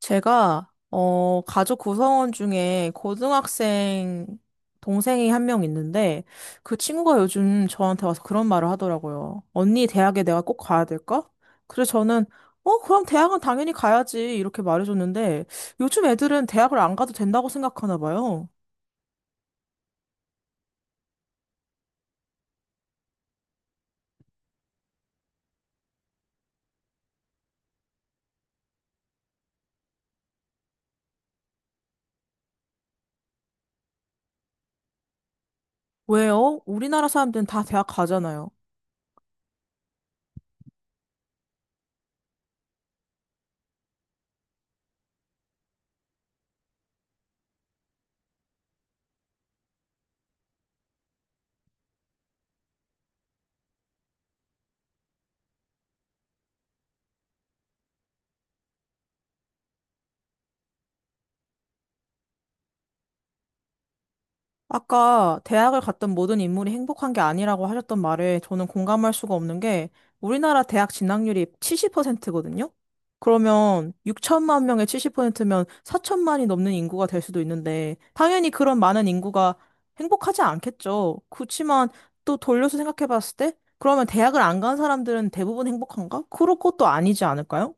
제가 가족 구성원 중에 고등학생 동생이 한 명 있는데 그 친구가 요즘 저한테 와서 그런 말을 하더라고요. 언니, 대학에 내가 꼭 가야 될까? 그래서 저는 그럼 대학은 당연히 가야지 이렇게 말해줬는데 요즘 애들은 대학을 안 가도 된다고 생각하나 봐요. 왜요? 우리나라 사람들은 다 대학 가잖아요. 아까 대학을 갔던 모든 인물이 행복한 게 아니라고 하셨던 말에 저는 공감할 수가 없는 게, 우리나라 대학 진학률이 70%거든요? 그러면 6천만 명의 70%면 4천만이 넘는 인구가 될 수도 있는데 당연히 그런 많은 인구가 행복하지 않겠죠. 그렇지만 또 돌려서 생각해 봤을 때, 그러면 대학을 안 간 사람들은 대부분 행복한가? 그럴 것도 아니지 않을까요?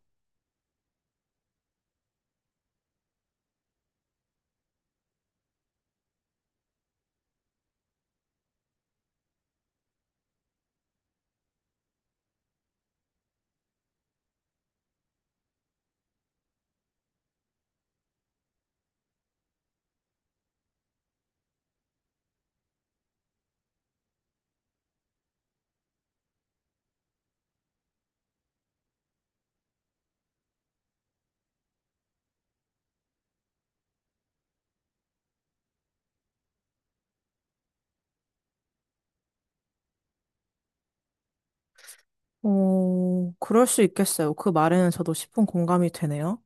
어, 그럴 수 있겠어요. 그 말에는 저도 십분 공감이 되네요.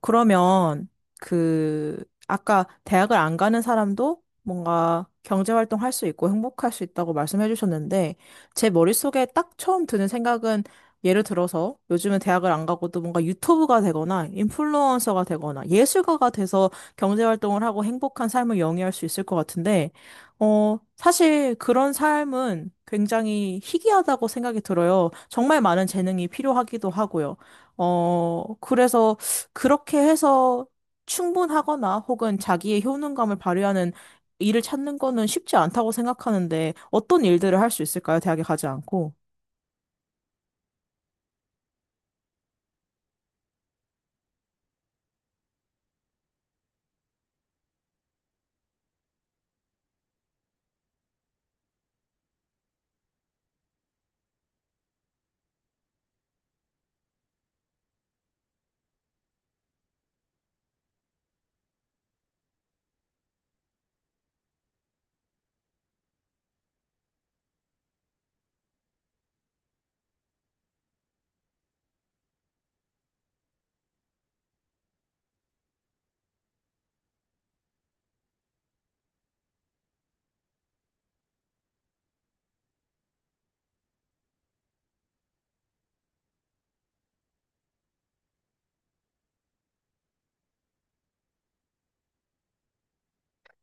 그러면 그 아까 대학을 안 가는 사람도 뭔가 경제 활동할 수 있고 행복할 수 있다고 말씀해 주셨는데 제 머릿속에 딱 처음 드는 생각은, 예를 들어서 요즘은 대학을 안 가고도 뭔가 유튜브가 되거나 인플루언서가 되거나 예술가가 돼서 경제 활동을 하고 행복한 삶을 영위할 수 있을 것 같은데, 사실 그런 삶은 굉장히 희귀하다고 생각이 들어요. 정말 많은 재능이 필요하기도 하고요. 그래서 그렇게 해서 충분하거나 혹은 자기의 효능감을 발휘하는 일을 찾는 거는 쉽지 않다고 생각하는데, 어떤 일들을 할 수 있을까요? 대학에 가지 않고.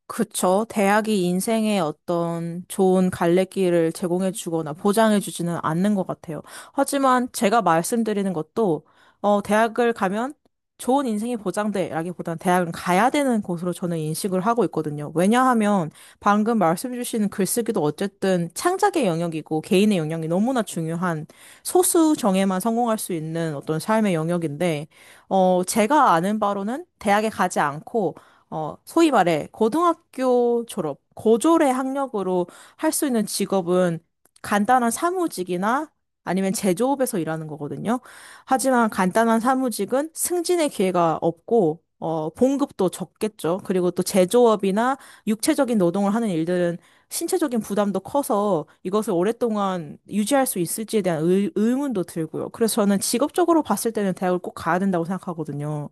그쵸. 대학이 인생의 어떤 좋은 갈래길을 제공해 주거나 보장해 주지는 않는 것 같아요. 하지만 제가 말씀드리는 것도, 어, 대학을 가면 좋은 인생이 보장돼라기보다는 대학은 가야 되는 곳으로 저는 인식을 하고 있거든요. 왜냐하면 방금 말씀 주신 글쓰기도 어쨌든 창작의 영역이고 개인의 영역이 너무나 중요한, 소수 정예만 성공할 수 있는 어떤 삶의 영역인데, 어, 제가 아는 바로는 대학에 가지 않고, 어, 소위 말해 고등학교 졸업, 고졸의 학력으로 할 수 있는 직업은 간단한 사무직이나 아니면 제조업에서 일하는 거거든요. 하지만 간단한 사무직은 승진의 기회가 없고, 어, 봉급도 적겠죠. 그리고 또 제조업이나 육체적인 노동을 하는 일들은 신체적인 부담도 커서 이것을 오랫동안 유지할 수 있을지에 대한 의문도 들고요. 그래서 저는 직업적으로 봤을 때는 대학을 꼭 가야 된다고 생각하거든요.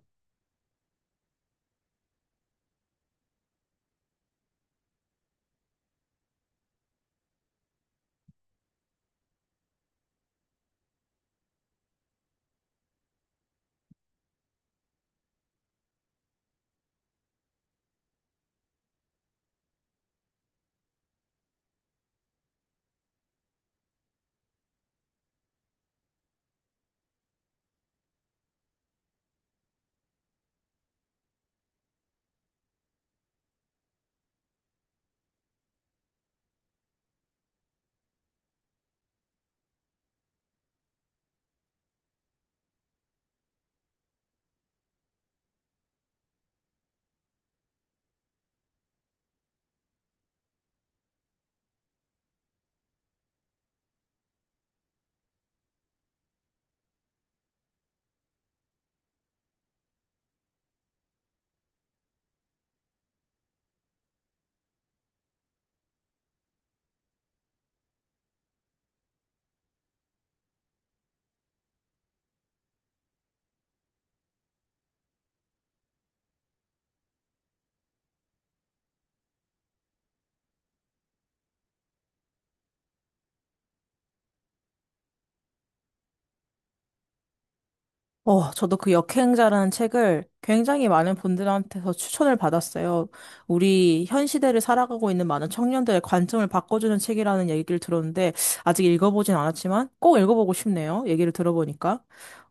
어, 저도 그 역행자라는 책을 굉장히 많은 분들한테서 추천을 받았어요. 우리 현 시대를 살아가고 있는 많은 청년들의 관점을 바꿔주는 책이라는 얘기를 들었는데, 아직 읽어보진 않았지만, 꼭 읽어보고 싶네요. 얘기를 들어보니까.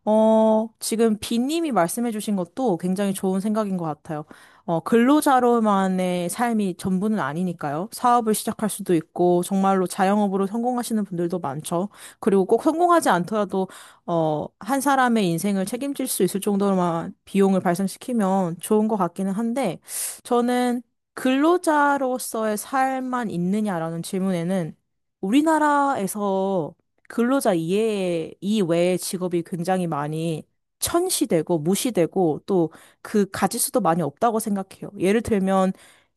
어, 지금 비님이 말씀해주신 것도 굉장히 좋은 생각인 것 같아요. 어, 근로자로만의 삶이 전부는 아니니까요. 사업을 시작할 수도 있고, 정말로 자영업으로 성공하시는 분들도 많죠. 그리고 꼭 성공하지 않더라도 어, 한 사람의 인생을 책임질 수 있을 정도로만 비용을 발생시키면 좋은 것 같기는 한데, 저는 근로자로서의 삶만 있느냐라는 질문에는 우리나라에서 근로자 이외에, 이외의 직업이 굉장히 많이 천시되고 무시되고 또 그 가짓수도 많이 없다고 생각해요. 예를 들면,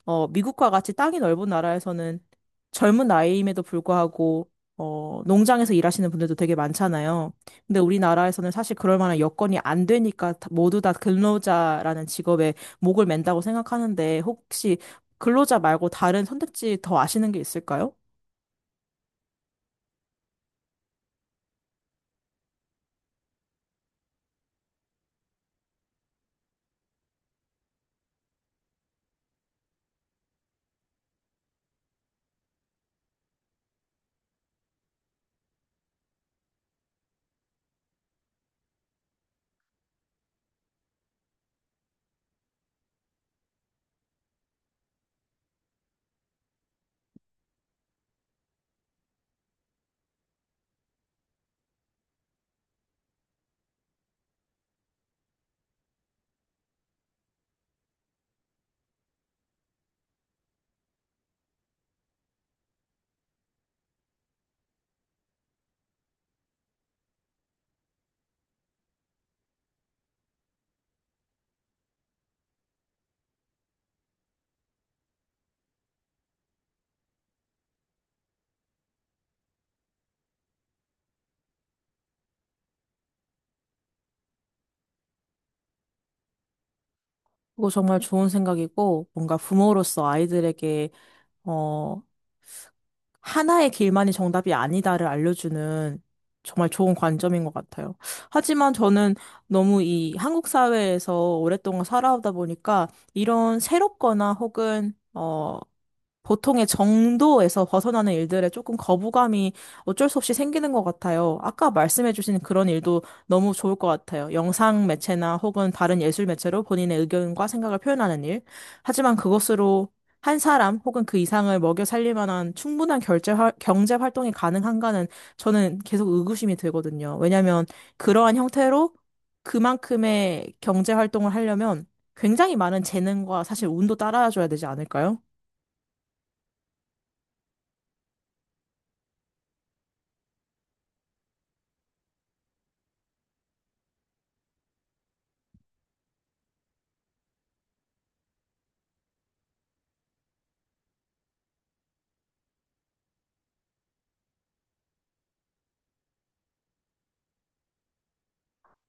어, 미국과 같이 땅이 넓은 나라에서는 젊은 나이임에도 불구하고, 어, 농장에서 일하시는 분들도 되게 많잖아요. 근데 우리나라에서는 사실 그럴 만한 여건이 안 되니까 모두 다 근로자라는 직업에 목을 맨다고 생각하는데, 혹시 근로자 말고 다른 선택지 더 아시는 게 있을까요? 그거 정말 좋은 생각이고 뭔가 부모로서 아이들에게 어 하나의 길만이 정답이 아니다를 알려주는 정말 좋은 관점인 것 같아요. 하지만 저는 너무 이 한국 사회에서 오랫동안 살아오다 보니까 이런 새롭거나 혹은 어, 보통의 정도에서 벗어나는 일들에 조금 거부감이 어쩔 수 없이 생기는 것 같아요. 아까 말씀해주신 그런 일도 너무 좋을 것 같아요. 영상 매체나 혹은 다른 예술 매체로 본인의 의견과 생각을 표현하는 일. 하지만 그것으로 한 사람 혹은 그 이상을 먹여 살릴 만한 충분한 경제 활동이 가능한가는 저는 계속 의구심이 들거든요. 왜냐하면 그러한 형태로 그만큼의 경제 활동을 하려면 굉장히 많은 재능과 사실 운도 따라줘야 되지 않을까요?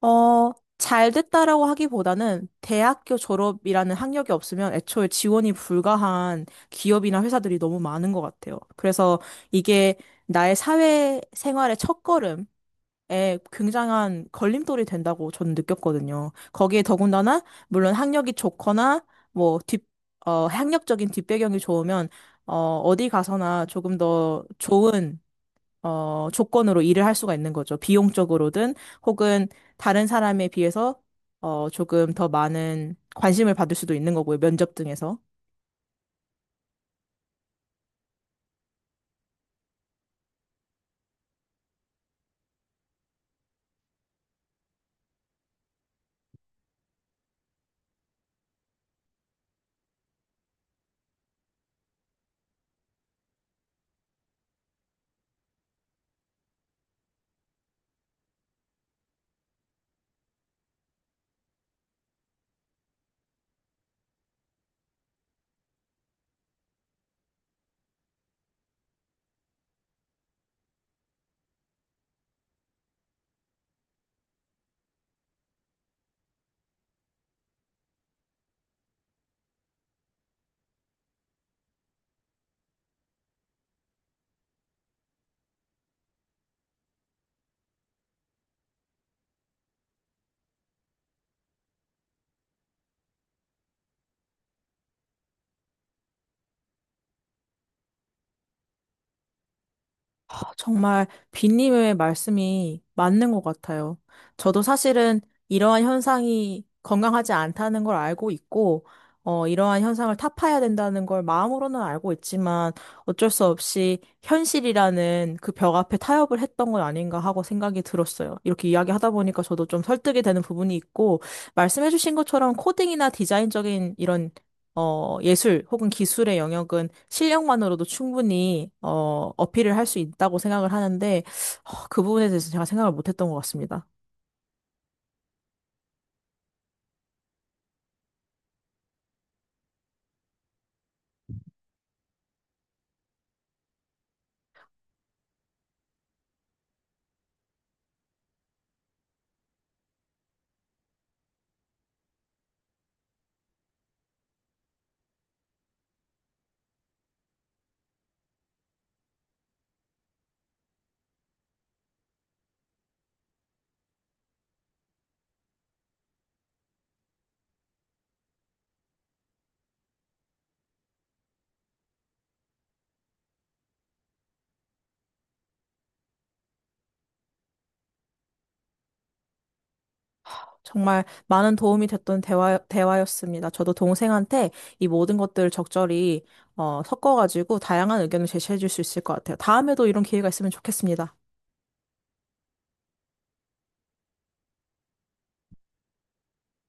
어, 잘 됐다라고 하기보다는 대학교 졸업이라는 학력이 없으면 애초에 지원이 불가한 기업이나 회사들이 너무 많은 것 같아요. 그래서 이게 나의 사회 생활의 첫걸음에 굉장한 걸림돌이 된다고 저는 느꼈거든요. 거기에 더군다나, 물론 학력이 좋거나, 뭐, 뒷, 어, 학력적인 뒷배경이 좋으면, 어, 어디 가서나 조금 더 좋은, 어, 조건으로 일을 할 수가 있는 거죠. 비용적으로든 혹은 다른 사람에 비해서, 어, 조금 더 많은 관심을 받을 수도 있는 거고요. 면접 등에서. 아, 정말 빈님의 말씀이 맞는 것 같아요. 저도 사실은 이러한 현상이 건강하지 않다는 걸 알고 있고, 어, 이러한 현상을 타파해야 된다는 걸 마음으로는 알고 있지만 어쩔 수 없이 현실이라는 그 벽 앞에 타협을 했던 건 아닌가 하고 생각이 들었어요. 이렇게 이야기하다 보니까 저도 좀 설득이 되는 부분이 있고, 말씀해주신 것처럼 코딩이나 디자인적인 이런, 어, 예술 혹은 기술의 영역은 실력만으로도 충분히 어, 어필을 할 수 있다고 생각을 하는데, 어, 그 부분에 대해서 제가 생각을 못했던 것 같습니다. 정말 많은 도움이 됐던 대화였습니다. 저도 동생한테 이 모든 것들을 적절히, 어, 섞어가지고 다양한 의견을 제시해 줄 수 있을 것 같아요. 다음에도 이런 기회가 있으면 좋겠습니다.